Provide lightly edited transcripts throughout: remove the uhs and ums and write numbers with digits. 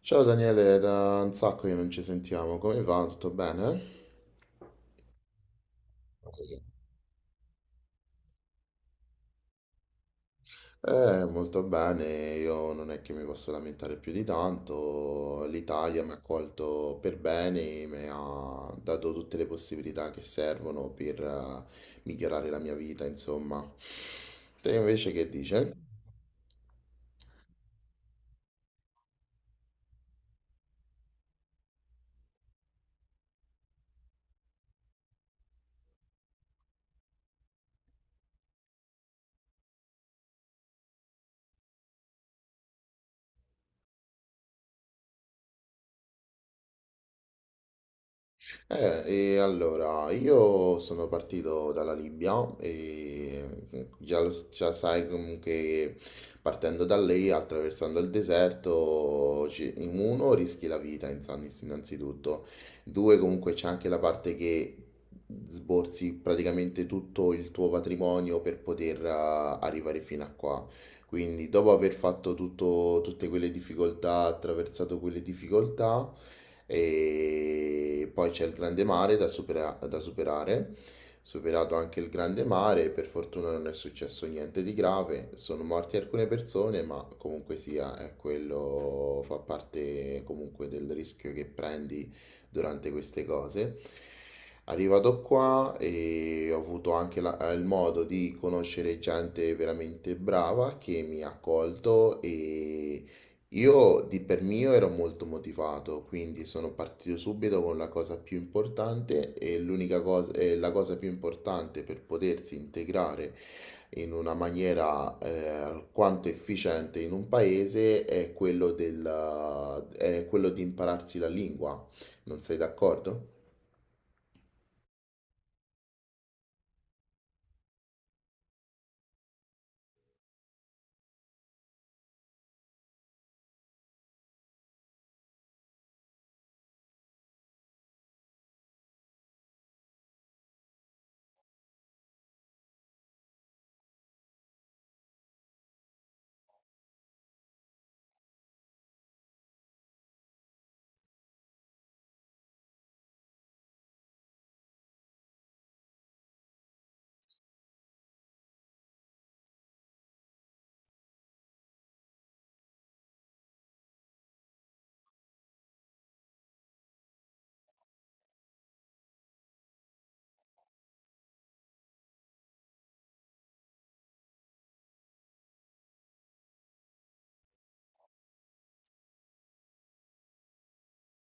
Ciao Daniele, da un sacco che non ci sentiamo, come va? Tutto bene? Molto bene, io non è che mi posso lamentare più di tanto, l'Italia mi ha accolto per bene, mi ha dato tutte le possibilità che servono per migliorare la mia vita, insomma. Te invece che dice? Eh, e allora, io sono partito dalla Libia e già, già sai che partendo da lei, attraversando il deserto, in uno rischi la vita innanzitutto, due comunque c'è anche la parte che sborsi praticamente tutto il tuo patrimonio per poter arrivare fino a qua. Quindi, dopo aver fatto tutte quelle difficoltà, attraversato quelle difficoltà, e poi c'è il grande mare da da superare. Superato anche il grande mare, per fortuna non è successo niente di grave, sono morte alcune persone, ma comunque sia, è quello fa parte comunque del rischio che prendi durante queste cose. Arrivato qua e ho avuto anche il modo di conoscere gente veramente brava che mi ha accolto, e io di per mio ero molto motivato, quindi sono partito subito con la cosa più importante e l'unica cosa, e la cosa più importante per potersi integrare in una maniera alquanto efficiente in un paese è quello del, è quello di impararsi la lingua. Non sei d'accordo?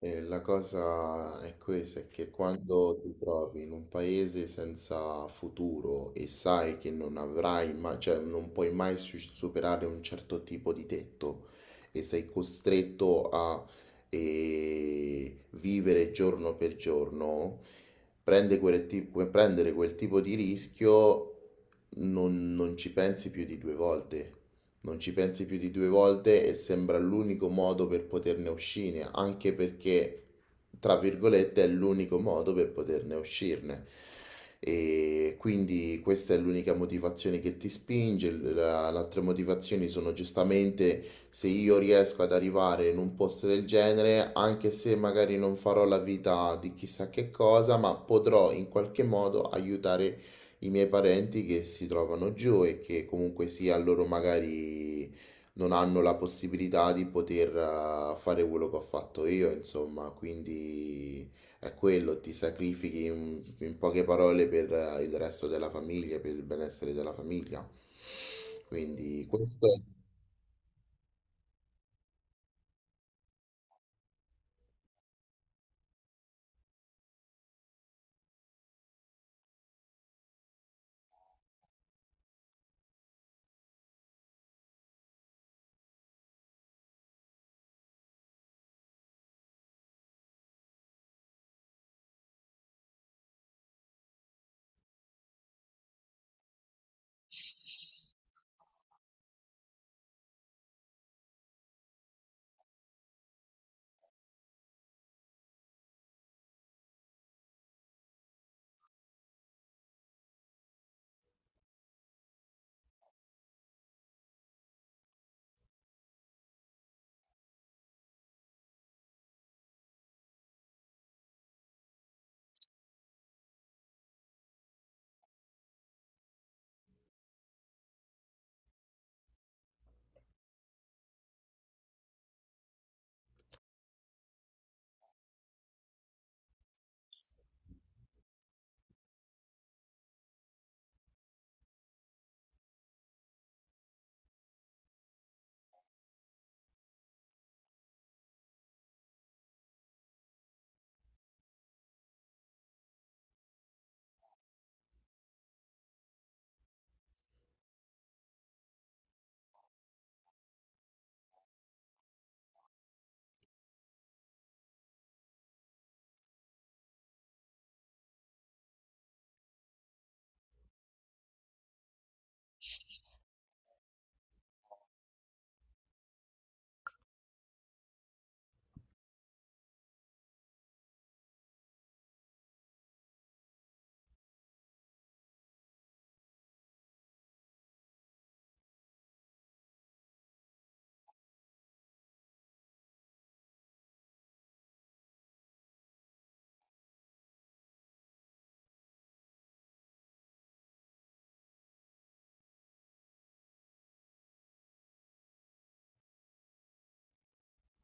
La cosa è questa, è che quando ti trovi in un paese senza futuro e sai che non avrai mai, cioè non puoi mai superare un certo tipo di tetto, e sei costretto a vivere giorno per giorno, prendere quel tipo di rischio non ci pensi più di due volte. Non ci pensi più di due volte e sembra l'unico modo per poterne uscire, anche perché, tra virgolette, è l'unico modo per poterne uscirne. E quindi questa è l'unica motivazione che ti spinge. Le altre motivazioni sono giustamente se io riesco ad arrivare in un posto del genere, anche se magari non farò la vita di chissà che cosa, ma potrò in qualche modo aiutare i miei parenti che si trovano giù e che comunque sia loro magari non hanno la possibilità di poter fare quello che ho fatto io, insomma, quindi è quello, ti sacrifichi in poche parole per il resto della famiglia, per il benessere della famiglia. Quindi questo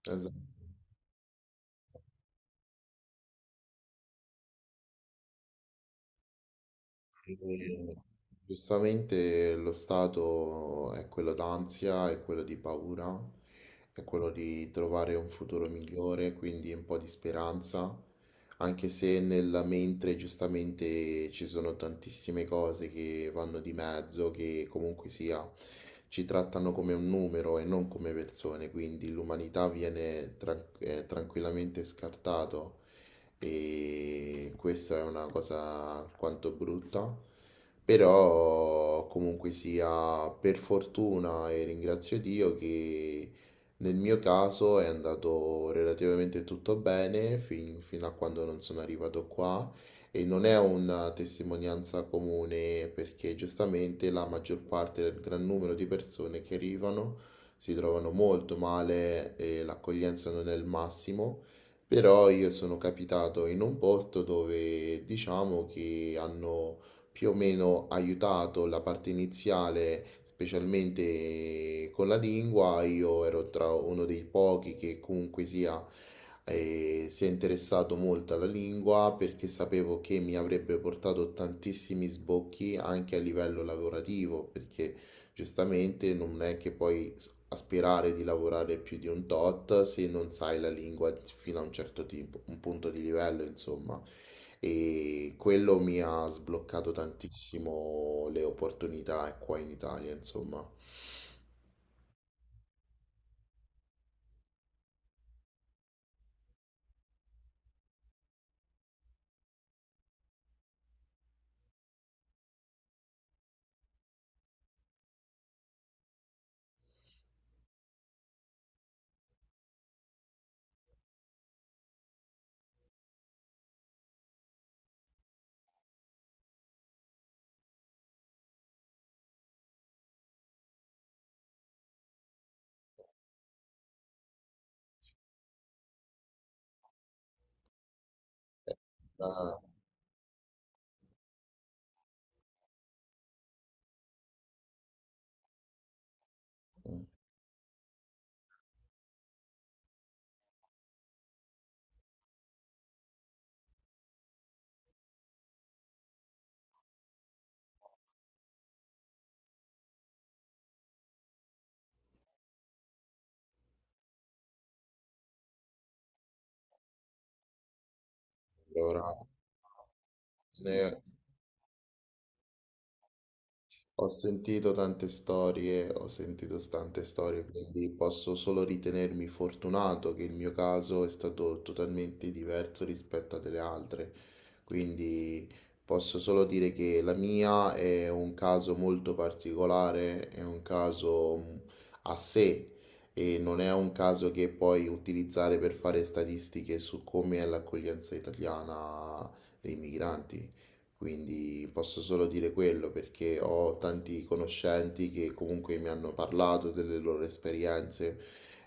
è... esatto. E Giustamente lo stato è quello d'ansia, è quello di paura, è quello di trovare un futuro migliore, quindi un po' di speranza, anche se nella mente giustamente ci sono tantissime cose che vanno di mezzo, che comunque sia ci trattano come un numero e non come persone, quindi l'umanità viene tranquillamente scartato, e questa è una cosa alquanto brutta, però comunque sia, per fortuna e ringrazio Dio che nel mio caso è andato relativamente tutto bene fino a quando non sono arrivato qua, e non è una testimonianza comune perché giustamente la maggior parte del gran numero di persone che arrivano si trovano molto male e l'accoglienza non è il massimo. Però io sono capitato in un posto dove diciamo che hanno più o meno aiutato la parte iniziale, specialmente con la lingua. Io ero tra uno dei pochi che comunque sia si è interessato molto alla lingua perché sapevo che mi avrebbe portato tantissimi sbocchi anche a livello lavorativo, perché giustamente non è che puoi aspirare di lavorare più di un tot se non sai la lingua fino a un un punto di livello, insomma. E quello mi ha sbloccato tantissimo le opportunità qua in Italia, insomma. Ah, allora, ne- Ho sentito tante storie, ho sentito tante storie, quindi posso solo ritenermi fortunato che il mio caso è stato totalmente diverso rispetto a delle altre. Quindi posso solo dire che la mia è un caso molto particolare, è un caso a sé, e non è un caso che puoi utilizzare per fare statistiche su come è l'accoglienza italiana dei migranti. Quindi posso solo dire quello perché ho tanti conoscenti che comunque mi hanno parlato delle loro esperienze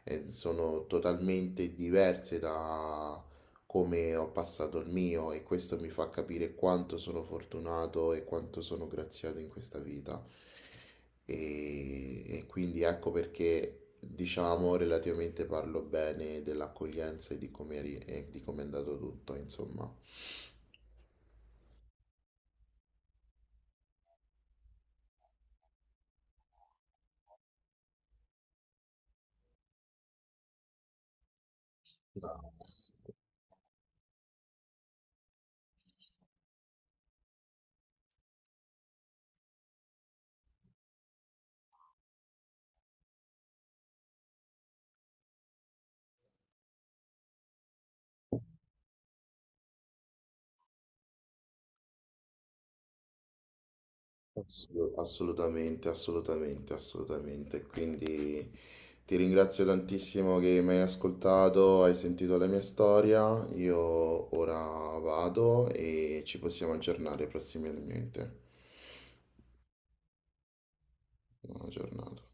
e sono totalmente diverse da come ho passato il mio, e questo mi fa capire quanto sono fortunato e quanto sono graziato in questa vita. E quindi ecco perché diciamo relativamente parlo bene dell'accoglienza e di come e di come è andato tutto, insomma. Assolutamente, assolutamente, assolutamente. Quindi ti ringrazio tantissimo che mi hai ascoltato, hai sentito la mia storia. Io ora vado e ci possiamo aggiornare prossimamente. Buona giornata.